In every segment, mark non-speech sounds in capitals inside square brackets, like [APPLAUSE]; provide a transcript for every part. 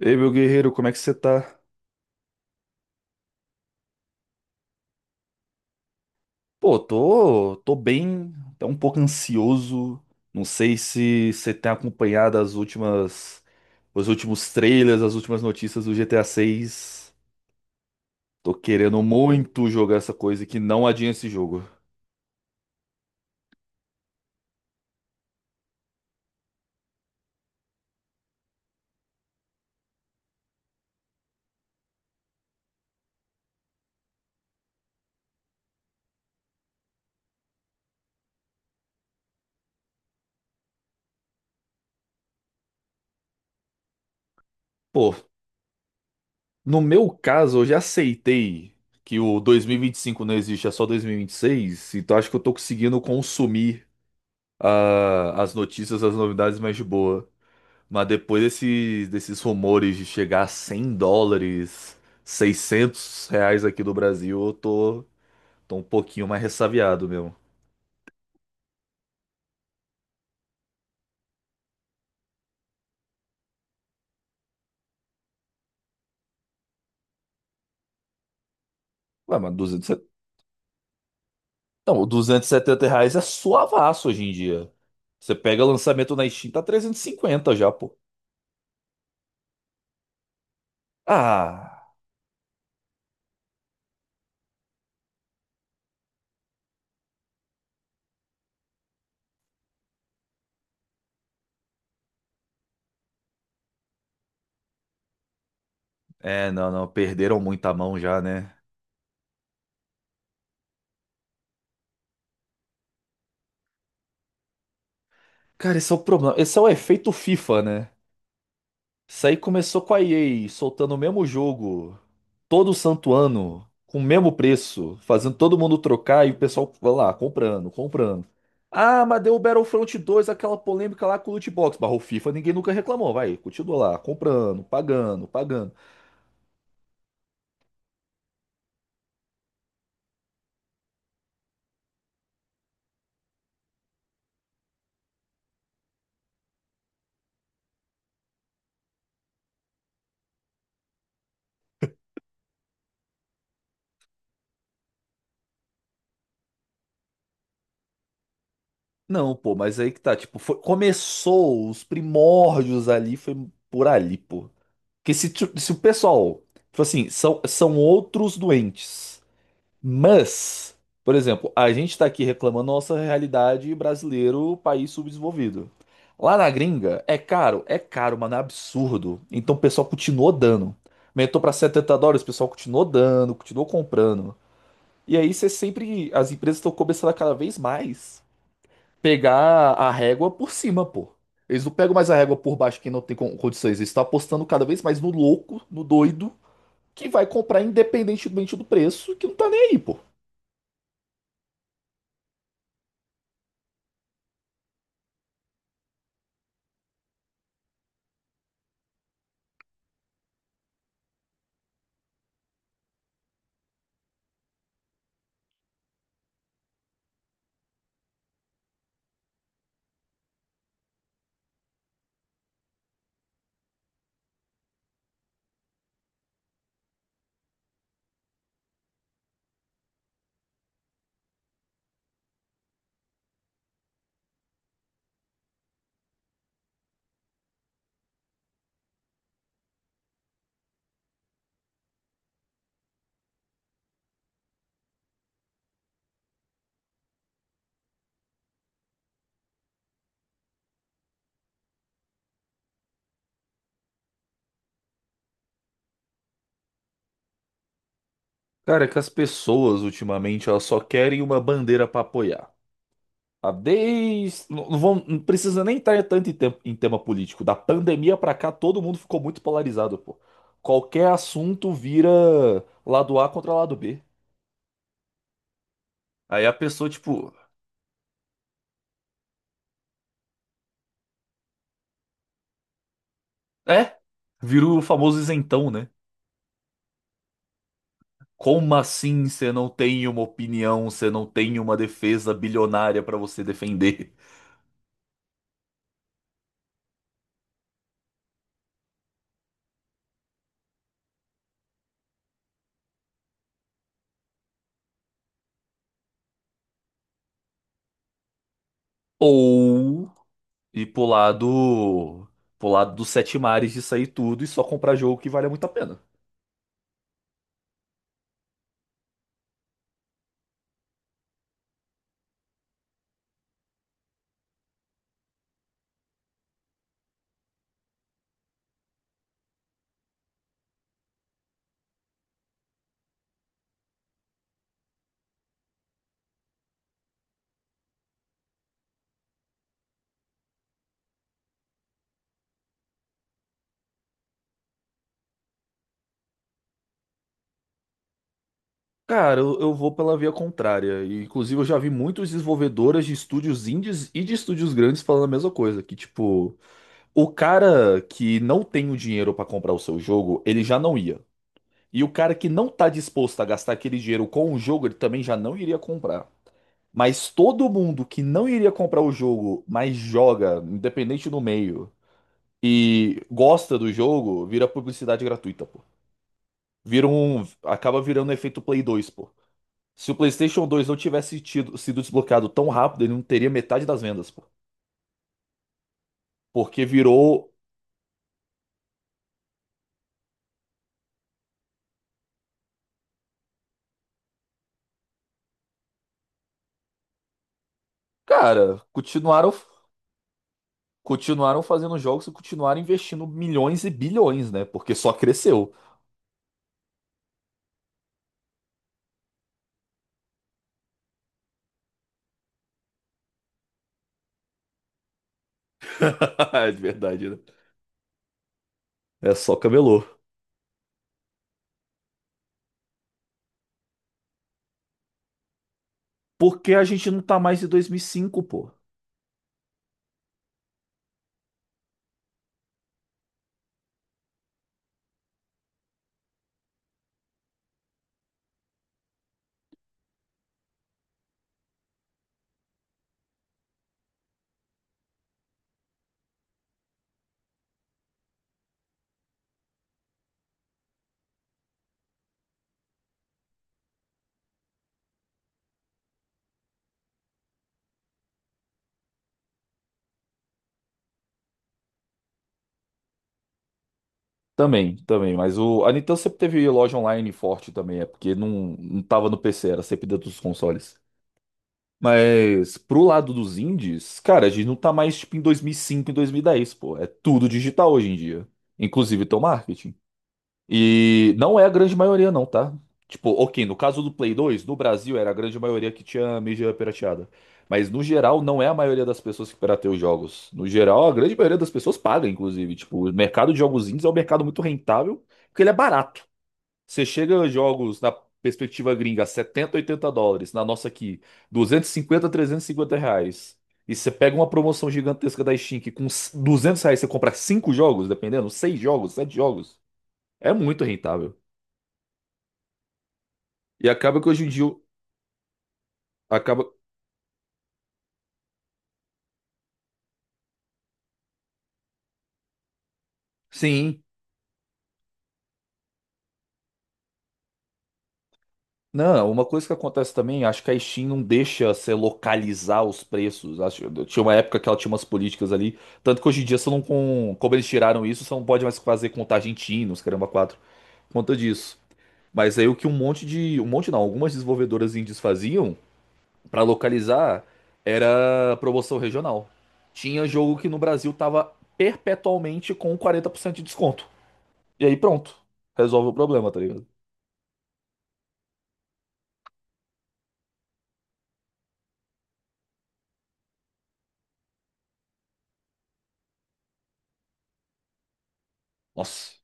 Ei, meu guerreiro, como é que você tá? Pô, tô bem, até um pouco ansioso. Não sei se você tem acompanhado as últimas, os últimos trailers, as últimas notícias do GTA 6. Tô querendo muito jogar essa coisa e que não adianta esse jogo. Pô, no meu caso, eu já aceitei que o 2025 não existe, é só 2026, então acho que eu tô conseguindo consumir as notícias, as novidades mais de boa. Mas depois desses rumores de chegar a 100 dólares, 600 reais aqui do Brasil, eu tô um pouquinho mais ressabiado mesmo. Ué, mas 270, não, 270 reais é suavaço hoje em dia. Você pega lançamento na Steam, tá 350 já, pô. Ah, é, não, não, perderam muita mão já, né? Cara, esse é o problema, esse é o efeito FIFA, né? Isso aí começou com a EA soltando o mesmo jogo todo santo ano, com o mesmo preço, fazendo todo mundo trocar e o pessoal vai lá, comprando, comprando. Ah, mas deu o Battlefront 2 aquela polêmica lá com o loot box, barrou FIFA, ninguém nunca reclamou, vai, continua lá, comprando, pagando, pagando. Não, pô, mas aí que tá, tipo, começou os primórdios ali, foi por ali, pô. Porque se o pessoal, tipo assim, são outros doentes. Mas, por exemplo, a gente está aqui reclamando da nossa realidade brasileiro, país subdesenvolvido. Lá na gringa, é caro, mano, é absurdo. Então o pessoal continuou dando. Aumentou para 70 dólares, o pessoal continuou dando, continuou comprando. E aí você sempre, as empresas estão começando a cada vez mais pegar a régua por cima, pô. Eles não pegam mais a régua por baixo que não tem condições. Eles estão apostando cada vez mais no louco, no doido, que vai comprar independentemente do preço, que não tá nem aí, pô. Cara, é que as pessoas ultimamente elas só querem uma bandeira pra apoiar. A desde. Não, não precisa nem entrar tanto em tema político. Da pandemia pra cá, todo mundo ficou muito polarizado, pô. Qualquer assunto vira lado A contra lado B. Aí a pessoa, tipo, é, vira o famoso isentão, né? Como assim você não tem uma opinião, você não tem uma defesa bilionária pra você defender? Ou. E pro lado dos sete mares de sair tudo e só comprar jogo que vale muito a pena. Cara, eu vou pela via contrária. E, inclusive, eu já vi muitos desenvolvedoras de estúdios indies e de estúdios grandes falando a mesma coisa. Que, tipo, o cara que não tem o dinheiro pra comprar o seu jogo, ele já não ia. E o cara que não tá disposto a gastar aquele dinheiro com o jogo, ele também já não iria comprar. Mas todo mundo que não iria comprar o jogo, mas joga, independente do meio, e gosta do jogo, vira publicidade gratuita, pô. Vira um, acaba virando um efeito Play 2, pô. Se o PlayStation 2 não tivesse tido, sido desbloqueado tão rápido, ele não teria metade das vendas, pô. Porque virou, cara, continuaram fazendo jogos e continuaram investindo milhões e bilhões, né? Porque só cresceu. [LAUGHS] É de verdade, né? É só camelô. Porque a gente não tá mais em 2005, pô. Também, também, mas o, a Nintendo sempre teve loja online forte também, é porque não, tava no PC, era sempre dentro dos consoles. Mas pro lado dos indies, cara, a gente não tá mais tipo em 2005, em 2010, pô, é tudo digital hoje em dia, inclusive teu marketing. E não é a grande maioria, não, tá? Tipo, ok, no caso do Play 2, no Brasil era a grande maioria que tinha mídia pirateada. Mas no geral, não é a maioria das pessoas que pirateia os jogos. No geral, a grande maioria das pessoas paga, inclusive. Tipo, o mercado de jogos indies é um mercado muito rentável, porque ele é barato. Você chega a jogos na perspectiva gringa, 70 80 dólares, na nossa aqui, 250 350 reais. E você pega uma promoção gigantesca da Steam, que com 200 reais você compra cinco jogos, dependendo, seis jogos, sete jogos. É muito rentável. E acaba que hoje em dia acaba. Sim. Não, uma coisa que acontece também, acho que a Steam não deixa você localizar os preços. Acho, tinha uma época que ela tinha umas políticas ali. Tanto que hoje em dia você não como eles tiraram isso, você não pode mais fazer contagem TIM nos caramba 4 por conta disso. Mas aí o que um monte de. Um monte não, algumas desenvolvedoras indies faziam pra localizar era promoção regional. Tinha jogo que no Brasil tava perpetualmente com 40% de desconto. E aí pronto. Resolve o problema, tá ligado? Nossa.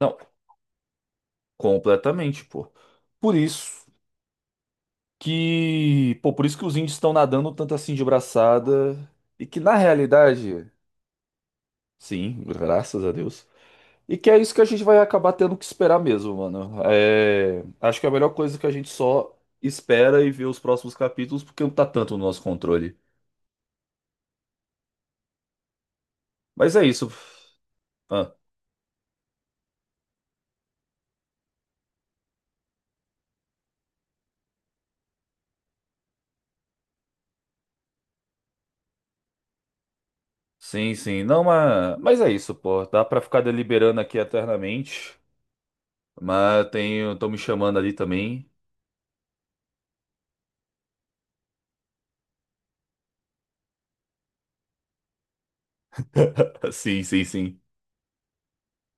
Não, completamente, pô. Por isso que, pô, por isso que os índios estão nadando tanto assim de braçada e que na realidade, sim, graças a Deus. E que é isso que a gente vai acabar tendo que esperar mesmo, mano. É, acho que é a melhor coisa que a gente só espera e vê os próximos capítulos porque não tá tanto no nosso controle. Mas é isso. Ah, sim, sim. Não, mas é isso, pô. Dá pra ficar deliberando aqui eternamente, mas tenho, estão me chamando ali também. [LAUGHS] Sim, sim, sim.